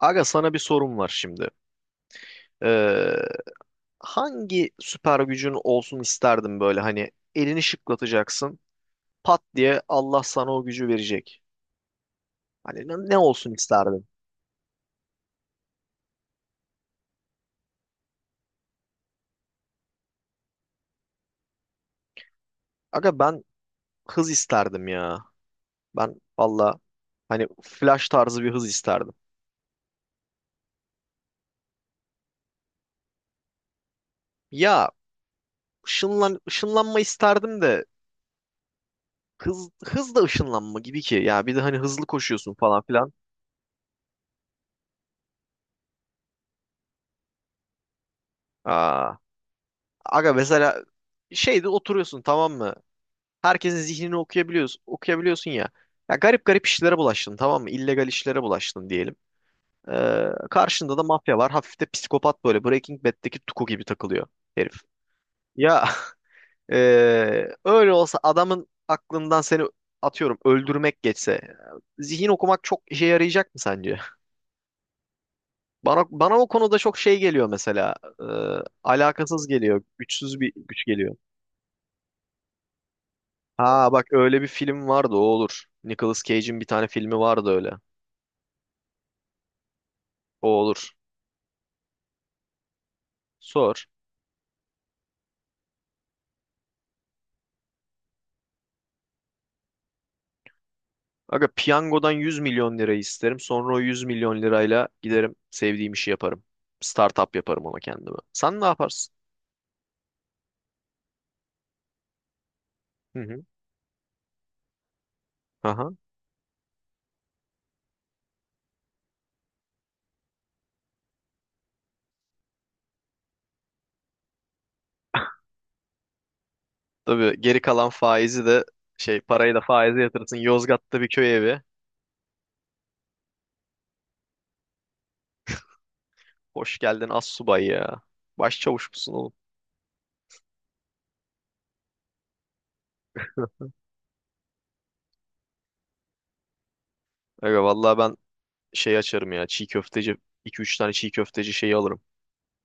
Aga sana bir sorum var şimdi. Ee, Hangi süper gücün olsun isterdin böyle hani elini şıklatacaksın pat diye Allah sana o gücü verecek. Hani ne olsun isterdin? Aga ben hız isterdim ya. Ben valla hani flash tarzı bir hız isterdim. Ya ışınlanma isterdim de hız da ışınlanma gibi ki. Ya bir de hani hızlı koşuyorsun falan filan. Aa, aga mesela şeyde oturuyorsun, tamam mı? Herkesin zihnini okuyabiliyorsun ya. Ya garip garip işlere bulaştın, tamam mı? İllegal işlere bulaştın diyelim. Ee, Karşında da mafya var. Hafif de psikopat böyle. Breaking Bad'deki Tuku gibi takılıyor herif. Ya ee, öyle olsa adamın aklından seni atıyorum öldürmek geçse zihin okumak çok işe yarayacak mı sence? Bana o konuda çok şey geliyor mesela. Ee, Alakasız geliyor. Güçsüz bir güç geliyor. Ha bak, öyle bir film vardı, o olur. Nicolas Cage'in bir tane filmi vardı öyle. O olur. Sor. Aga piyangodan 100 milyon lira isterim. Sonra o 100 milyon lirayla giderim, sevdiğim işi yaparım. Startup yaparım ona, kendime. Sen ne yaparsın? Hı hı. Aha. Tabii geri kalan faizi de parayı da faize yatırırsın. Yozgat'ta bir köy evi. Hoş geldin astsubay ya. Başçavuş musun oğlum? Aga vallahi ben şey açarım ya. Çiğ köfteci, iki üç tane çiğ köfteci şeyi alırım.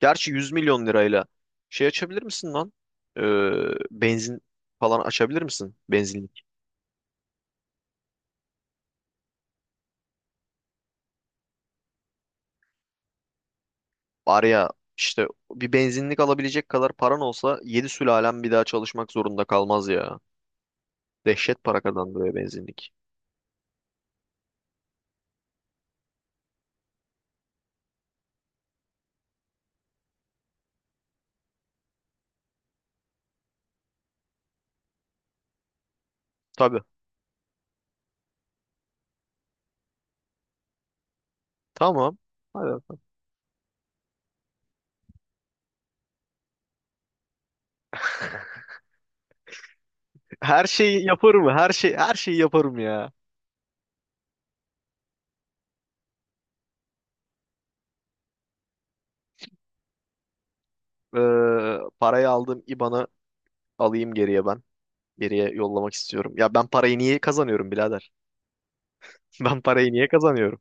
Gerçi 100 milyon lirayla şey açabilir misin lan? Ee, Benzin falan açabilir misin? Benzinli. Var ya işte, bir benzinlik alabilecek kadar paran olsa 7 sülalem bir daha çalışmak zorunda kalmaz ya. Dehşet para kazandırıyor benzinlik. Tabii. Tamam. Hadi bakalım. Her şeyi yaparım. Her şeyi yaparım ya. Ee, Parayı aldım, IBAN'ı alayım geriye ben. Geriye yollamak istiyorum. Ya ben parayı niye kazanıyorum birader? Ben parayı niye kazanıyorum?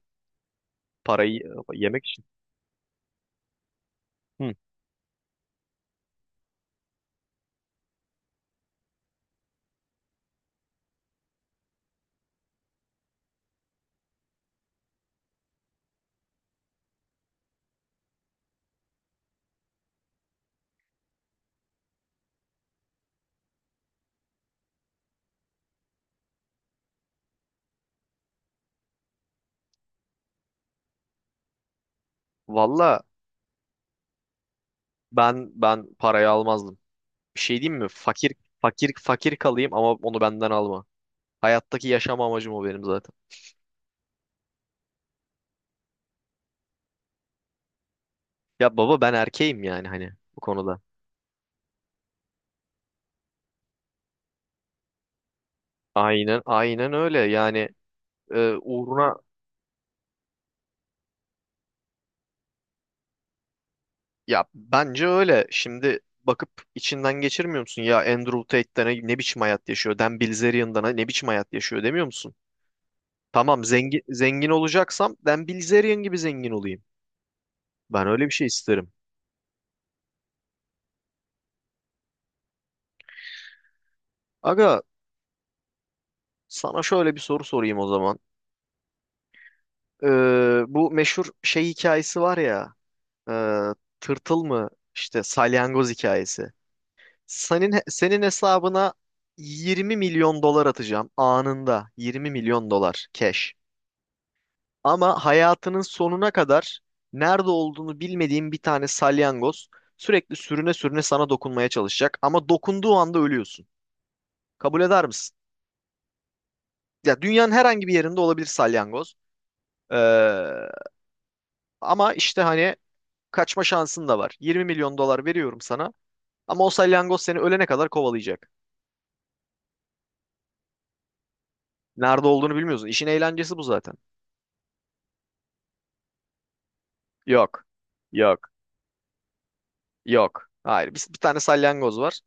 Parayı yemek için. Hı. Valla ben parayı almazdım. Bir şey diyeyim mi? Fakir fakir kalayım ama onu benden alma. Hayattaki yaşam amacım o benim zaten. Ya baba, ben erkeğim yani, hani bu konuda. Aynen aynen, öyle yani. Uğruna, ya bence öyle. Şimdi bakıp içinden geçirmiyor musun? Ya Andrew Tate'den ne biçim hayat yaşıyor? Dan Bilzerian'dan ne biçim hayat yaşıyor demiyor musun? Tamam, zengin zengin olacaksam Dan Bilzerian gibi zengin olayım. Ben öyle bir şey isterim. Aga, sana şöyle bir soru sorayım o zaman. Bu meşhur şey hikayesi var ya, e, tırtıl mı işte, salyangoz hikayesi. Senin hesabına 20 milyon dolar atacağım anında. 20 milyon dolar cash. Ama hayatının sonuna kadar nerede olduğunu bilmediğin bir tane salyangoz sürekli sürüne sürüne sana dokunmaya çalışacak, ama dokunduğu anda ölüyorsun. Kabul eder misin? Ya, dünyanın herhangi bir yerinde olabilir salyangoz. Ee, Ama işte hani kaçma şansın da var. 20 milyon dolar veriyorum sana ama o salyangoz seni ölene kadar kovalayacak. Nerede olduğunu bilmiyorsun. İşin eğlencesi bu zaten. Yok. Yok. Yok. Hayır. Biz bir tane salyangoz var.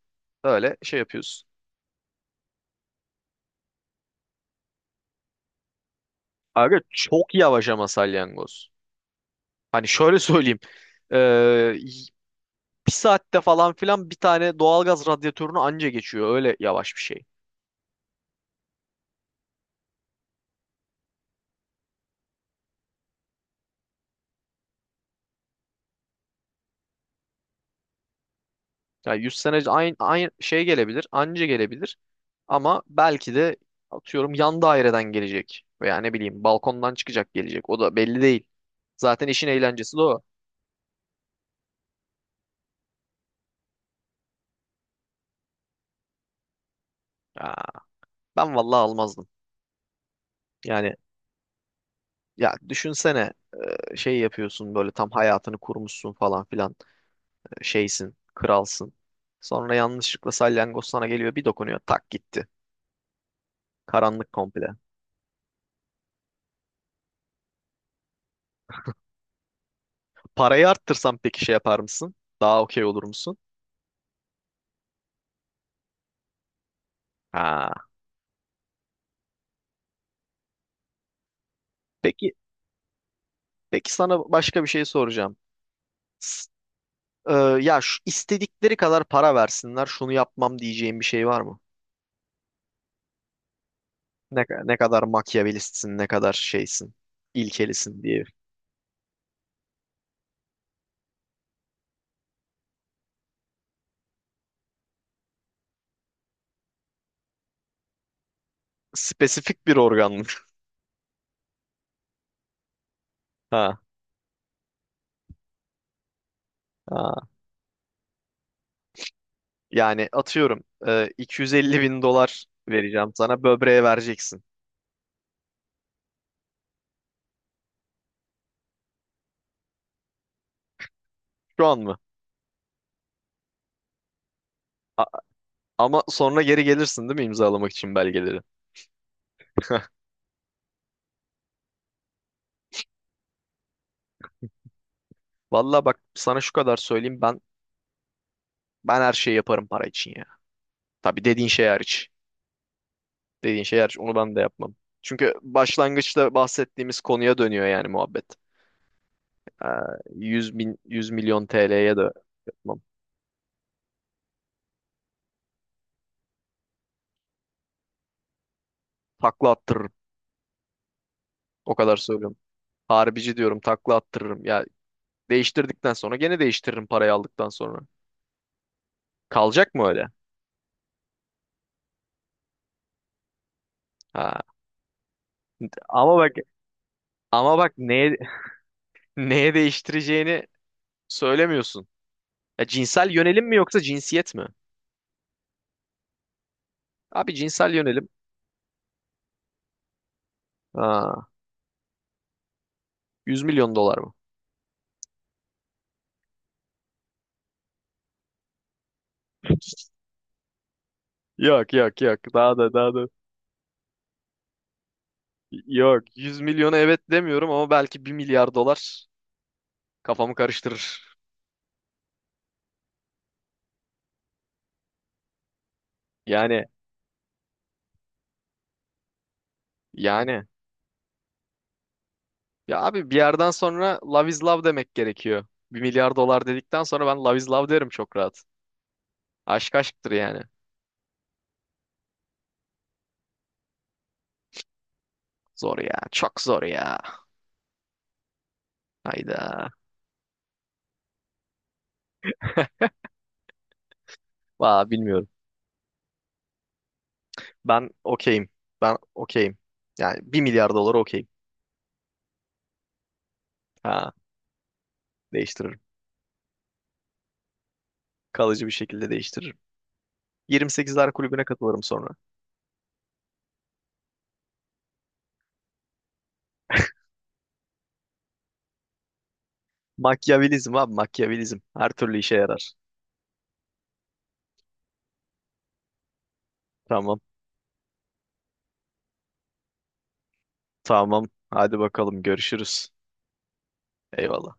Öyle şey yapıyoruz. Aga, çok yavaş ama salyangoz. Hani şöyle söyleyeyim. Ee, y- bir saatte falan filan bir tane doğalgaz radyatörünü anca geçiyor. Öyle yavaş bir şey. Yani 100 sene aynı şey gelebilir. Anca gelebilir. Ama belki de atıyorum yan daireden gelecek. Veya ne bileyim balkondan çıkacak, gelecek. O da belli değil. Zaten işin eğlencesi de o. Ya, ben vallahi almazdım. Yani ya, düşünsene. Şey yapıyorsun böyle, tam hayatını kurmuşsun falan filan, şeysin, kralsın. Sonra yanlışlıkla salyangoz sana geliyor, bir dokunuyor, tak gitti. Karanlık komple. Parayı arttırsam peki şey yapar mısın? Daha okey olur musun? Ha. Peki peki sana başka bir şey soracağım. S- e, ya şu, istedikleri kadar para versinler şunu yapmam diyeceğin bir şey var mı? Ne kadar makyavelistsin, ne kadar şeysin, ilkelisin diye. Spesifik bir organ mı? Ha. Ha. Yani atıyorum 250 bin dolar vereceğim sana, böbreğe vereceksin. Şu an mı? Ama sonra geri gelirsin değil mi, imzalamak için belgeleri? Vallahi bak sana şu kadar söyleyeyim, ben her şeyi yaparım para için ya. Tabii, dediğin şey hariç. Dediğin şey hariç, onu ben de yapmam. Çünkü başlangıçta bahsettiğimiz konuya dönüyor yani muhabbet. Ee, 100 bin 100 milyon TL'ye de yapmam. Takla attırırım. O kadar söylüyorum. Harbici diyorum, takla attırırım. Ya, değiştirdikten sonra gene değiştiririm parayı aldıktan sonra. Kalacak mı öyle? Ha, ama bak ama bak neye neye değiştireceğini söylemiyorsun. Ya, cinsel yönelim mi yoksa cinsiyet mi? Abi cinsel yönelim. Ha, 100 milyon dolar mı? Yok, yok, yok. Daha da, daha da. Yok, 100 milyona evet demiyorum ama belki 1 milyar dolar kafamı karıştırır. Yani yani ya abi, bir yerden sonra love is love demek gerekiyor. Bir milyar dolar dedikten sonra ben love is love derim çok rahat. Aşk aşktır yani. Zor ya. Çok zor ya. Hayda. Valla bilmiyorum. Ben okeyim. Ben okeyim. Yani 1 milyar dolar okeyim. Ha, değiştiririm. Kalıcı bir şekilde değiştiririm. 28'ler kulübüne katılırım sonra. Makyavelizm abi, makyavelizm. Her türlü işe yarar. Tamam. Tamam. Hadi bakalım, görüşürüz. Eyvallah.